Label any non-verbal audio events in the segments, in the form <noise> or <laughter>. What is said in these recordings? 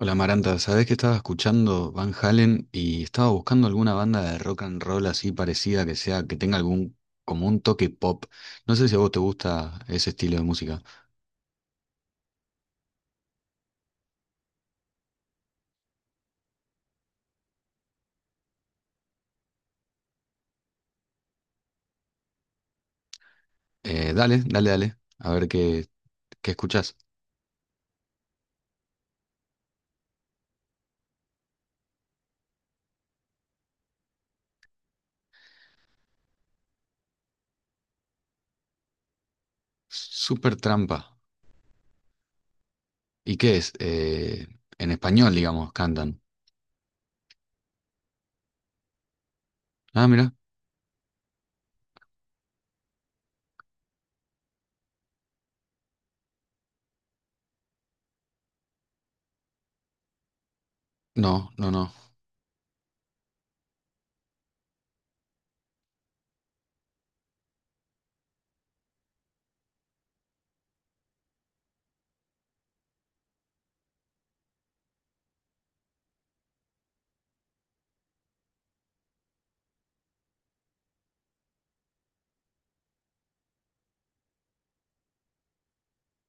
Hola Maranta, ¿sabés que estaba escuchando Van Halen y estaba buscando alguna banda de rock and roll así parecida que sea, que tenga algún, como un toque pop? No sé si a vos te gusta ese estilo de música. Dale, dale, dale, a ver qué, qué escuchás. Super trampa. ¿Y qué es? En español, digamos, cantan. Ah, mira. No, no, no.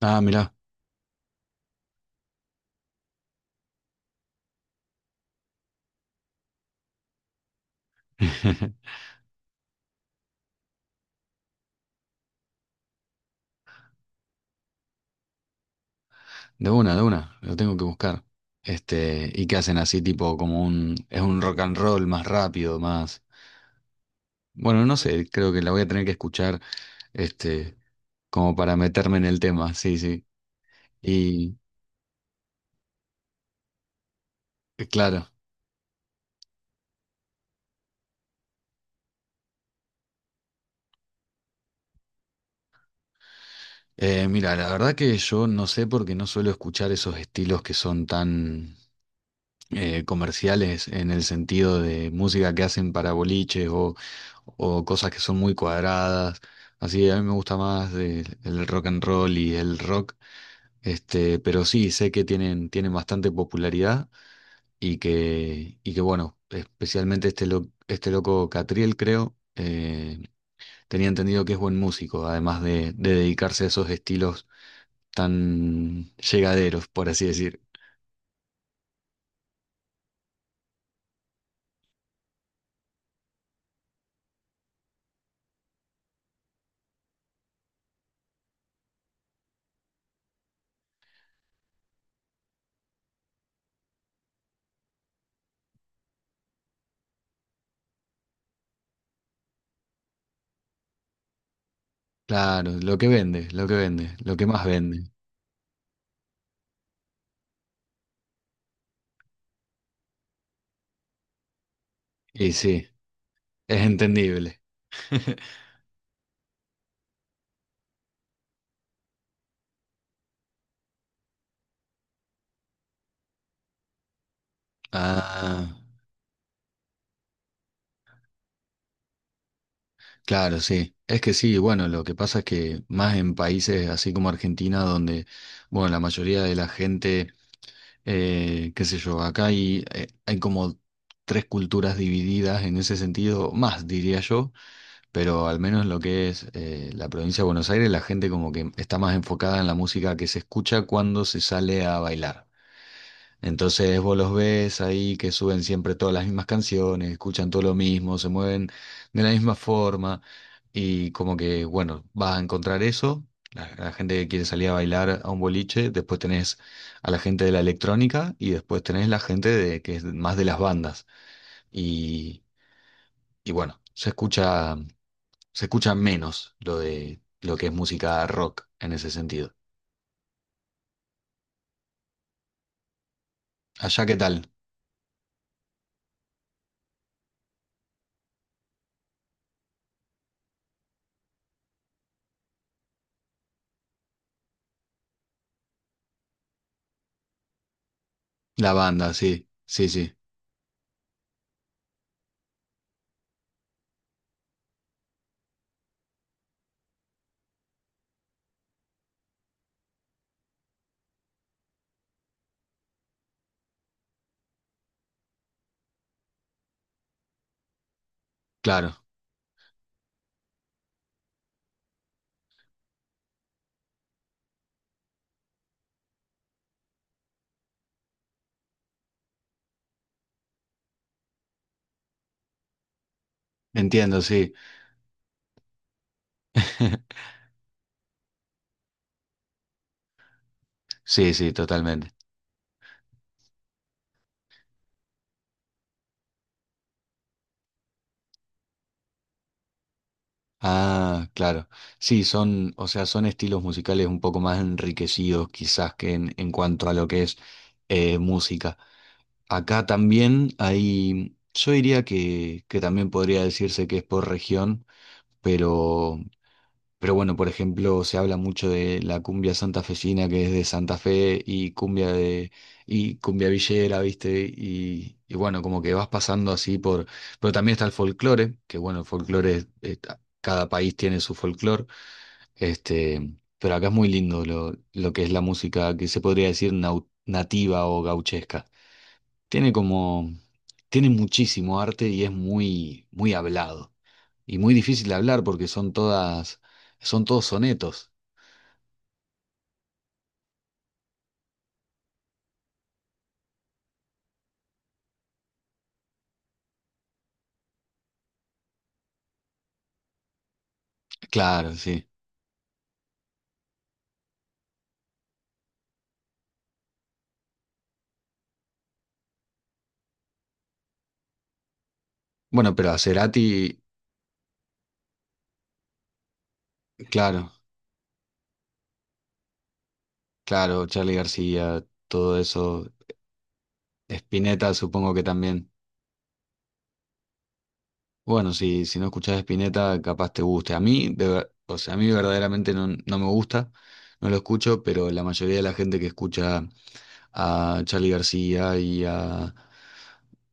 Ah, mira. <laughs> De una, lo tengo que buscar. Este, y qué hacen así, tipo, como un, es un rock and roll más rápido, más. Bueno, no sé, creo que la voy a tener que escuchar, este, como para meterme en el tema, sí, sí. Y claro, mira, la verdad que yo no sé porque no suelo escuchar esos estilos que son tan comerciales en el sentido de música que hacen para boliches o cosas que son muy cuadradas. Así, a mí me gusta más el rock and roll y el rock, este, pero sí, sé que tienen bastante popularidad. Y que, y que bueno, especialmente este, lo- este loco Catriel, creo, tenía entendido que es buen músico, además de dedicarse a esos estilos tan llegaderos, por así decir. Claro, lo que vende, lo que vende, lo que más vende. Y sí, es entendible. <laughs> Ah, claro, sí. Es que sí, bueno, lo que pasa es que más en países así como Argentina, donde, bueno, la mayoría de la gente. Qué sé yo, acá hay, hay como tres culturas divididas en ese sentido, más diría yo, pero al menos lo que es la provincia de Buenos Aires, la gente como que está más enfocada en la música que se escucha cuando se sale a bailar. Entonces vos los ves ahí que suben siempre todas las mismas canciones, escuchan todo lo mismo, se mueven de la misma forma y como que, bueno, vas a encontrar eso, la gente que quiere salir a bailar a un boliche, después tenés a la gente de la electrónica y después tenés la gente de, que es más de las bandas. Y, y bueno, se escucha menos lo de lo que es música rock en ese sentido. Allá, ¿qué tal? La banda, sí, sí, sí, claro, entiendo, sí. <laughs> Sí, sí, totalmente. Ah, claro. Sí, son, o sea, son estilos musicales un poco más enriquecidos quizás que en cuanto a lo que es música. Acá también hay, yo diría que también podría decirse que es por región, pero. Pero bueno, por ejemplo, se habla mucho de la cumbia santafesina que es de Santa Fe y cumbia de y cumbia villera, ¿viste? Y bueno, como que vas pasando así por, pero también está el folclore, que bueno, el folclore es- cada país tiene su folclore, este, pero acá es muy lindo lo que es la música que se podría decir nau- nativa o gauchesca. Tiene como tiene muchísimo arte y es muy muy hablado y muy difícil de hablar porque son todas son todos sonetos. Claro, sí. Bueno, pero a Cerati, claro, claro, Charly García, todo eso. Spinetta, supongo que también. Bueno, si, si no escuchás Spinetta, capaz te guste. A mí, de ver- o sea, a mí verdaderamente no, no me gusta. No lo escucho, pero la mayoría de la gente que escucha a Charly García y a...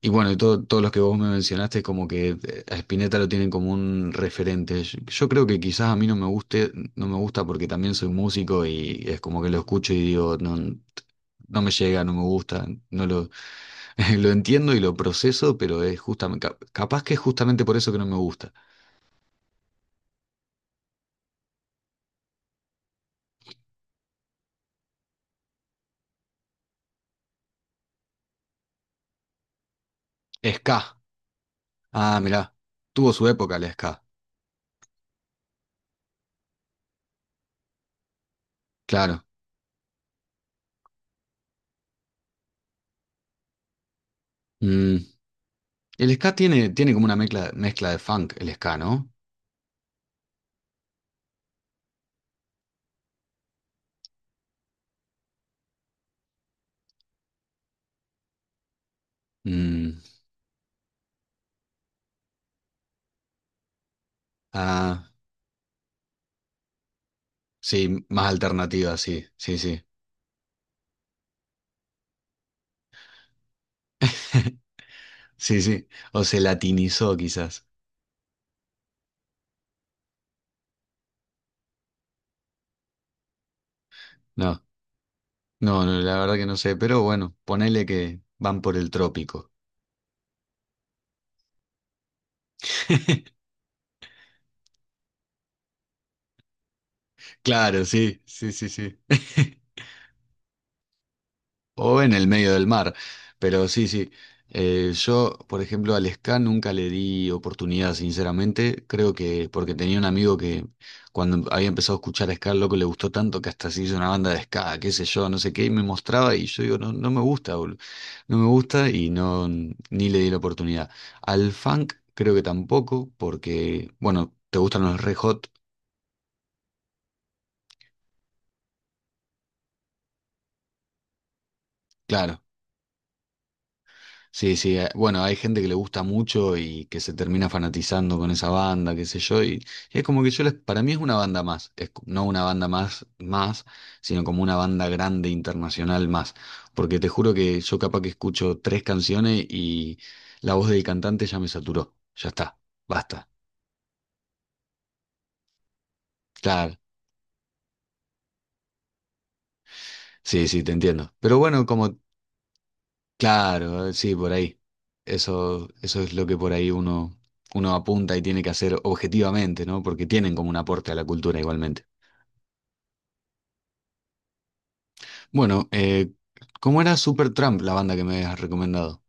Y bueno, y todo- todos los que vos me mencionaste, como que a Spinetta lo tienen como un referente. Yo creo que quizás a mí no me guste, no me gusta porque también soy músico y es como que lo escucho y digo, no, no me llega, no me gusta, no lo, <laughs> lo entiendo y lo proceso, pero es justamente, capaz que es justamente por eso que no me gusta. Ska. Ah, mirá. Tuvo su época la ska. Claro. Mm. El ska tiene, tiene como una mezcla, mezcla de funk, el ska, ¿no? Mm, ah, sí, más alternativa, sí, sí, sí. <laughs> Sí, sí. O se latinizó quizás. No, no, no, la verdad que no sé, pero bueno, ponele que van por el trópico. <laughs> Claro, sí, sí, sí, sí. <laughs> O en el medio del mar. Pero sí, sí. Yo, por ejemplo, al ska nunca le di oportunidad, sinceramente. Creo que porque tenía un amigo que cuando había empezado a escuchar ska, el loco le gustó tanto que hasta se hizo una banda de ska, qué sé yo, no sé qué, y me mostraba y yo digo, no, no me gusta, boludo. No me gusta y no, ni le di la oportunidad. Al funk creo que tampoco, porque, bueno, te gustan los Red Hot, claro. Sí, sí, bueno, hay gente que le gusta mucho y que se termina fanatizando con esa banda, qué sé yo, y es como que yo les, para mí es una banda más, es co- no una banda más, más, sino como una banda grande internacional más, porque te juro que yo capaz que escucho tres canciones y la voz del cantante ya me saturó, ya está, basta, claro, sí, sí, te entiendo, pero bueno, como. Claro, sí, por ahí. Eso es lo que por ahí uno, uno apunta y tiene que hacer objetivamente, ¿no? Porque tienen como un aporte a la cultura igualmente. Bueno, ¿cómo era Supertramp, la banda que me has recomendado?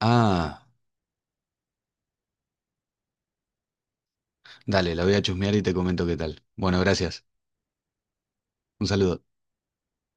Ah, dale, la voy a chusmear y te comento qué tal. Bueno, gracias. Un saludo.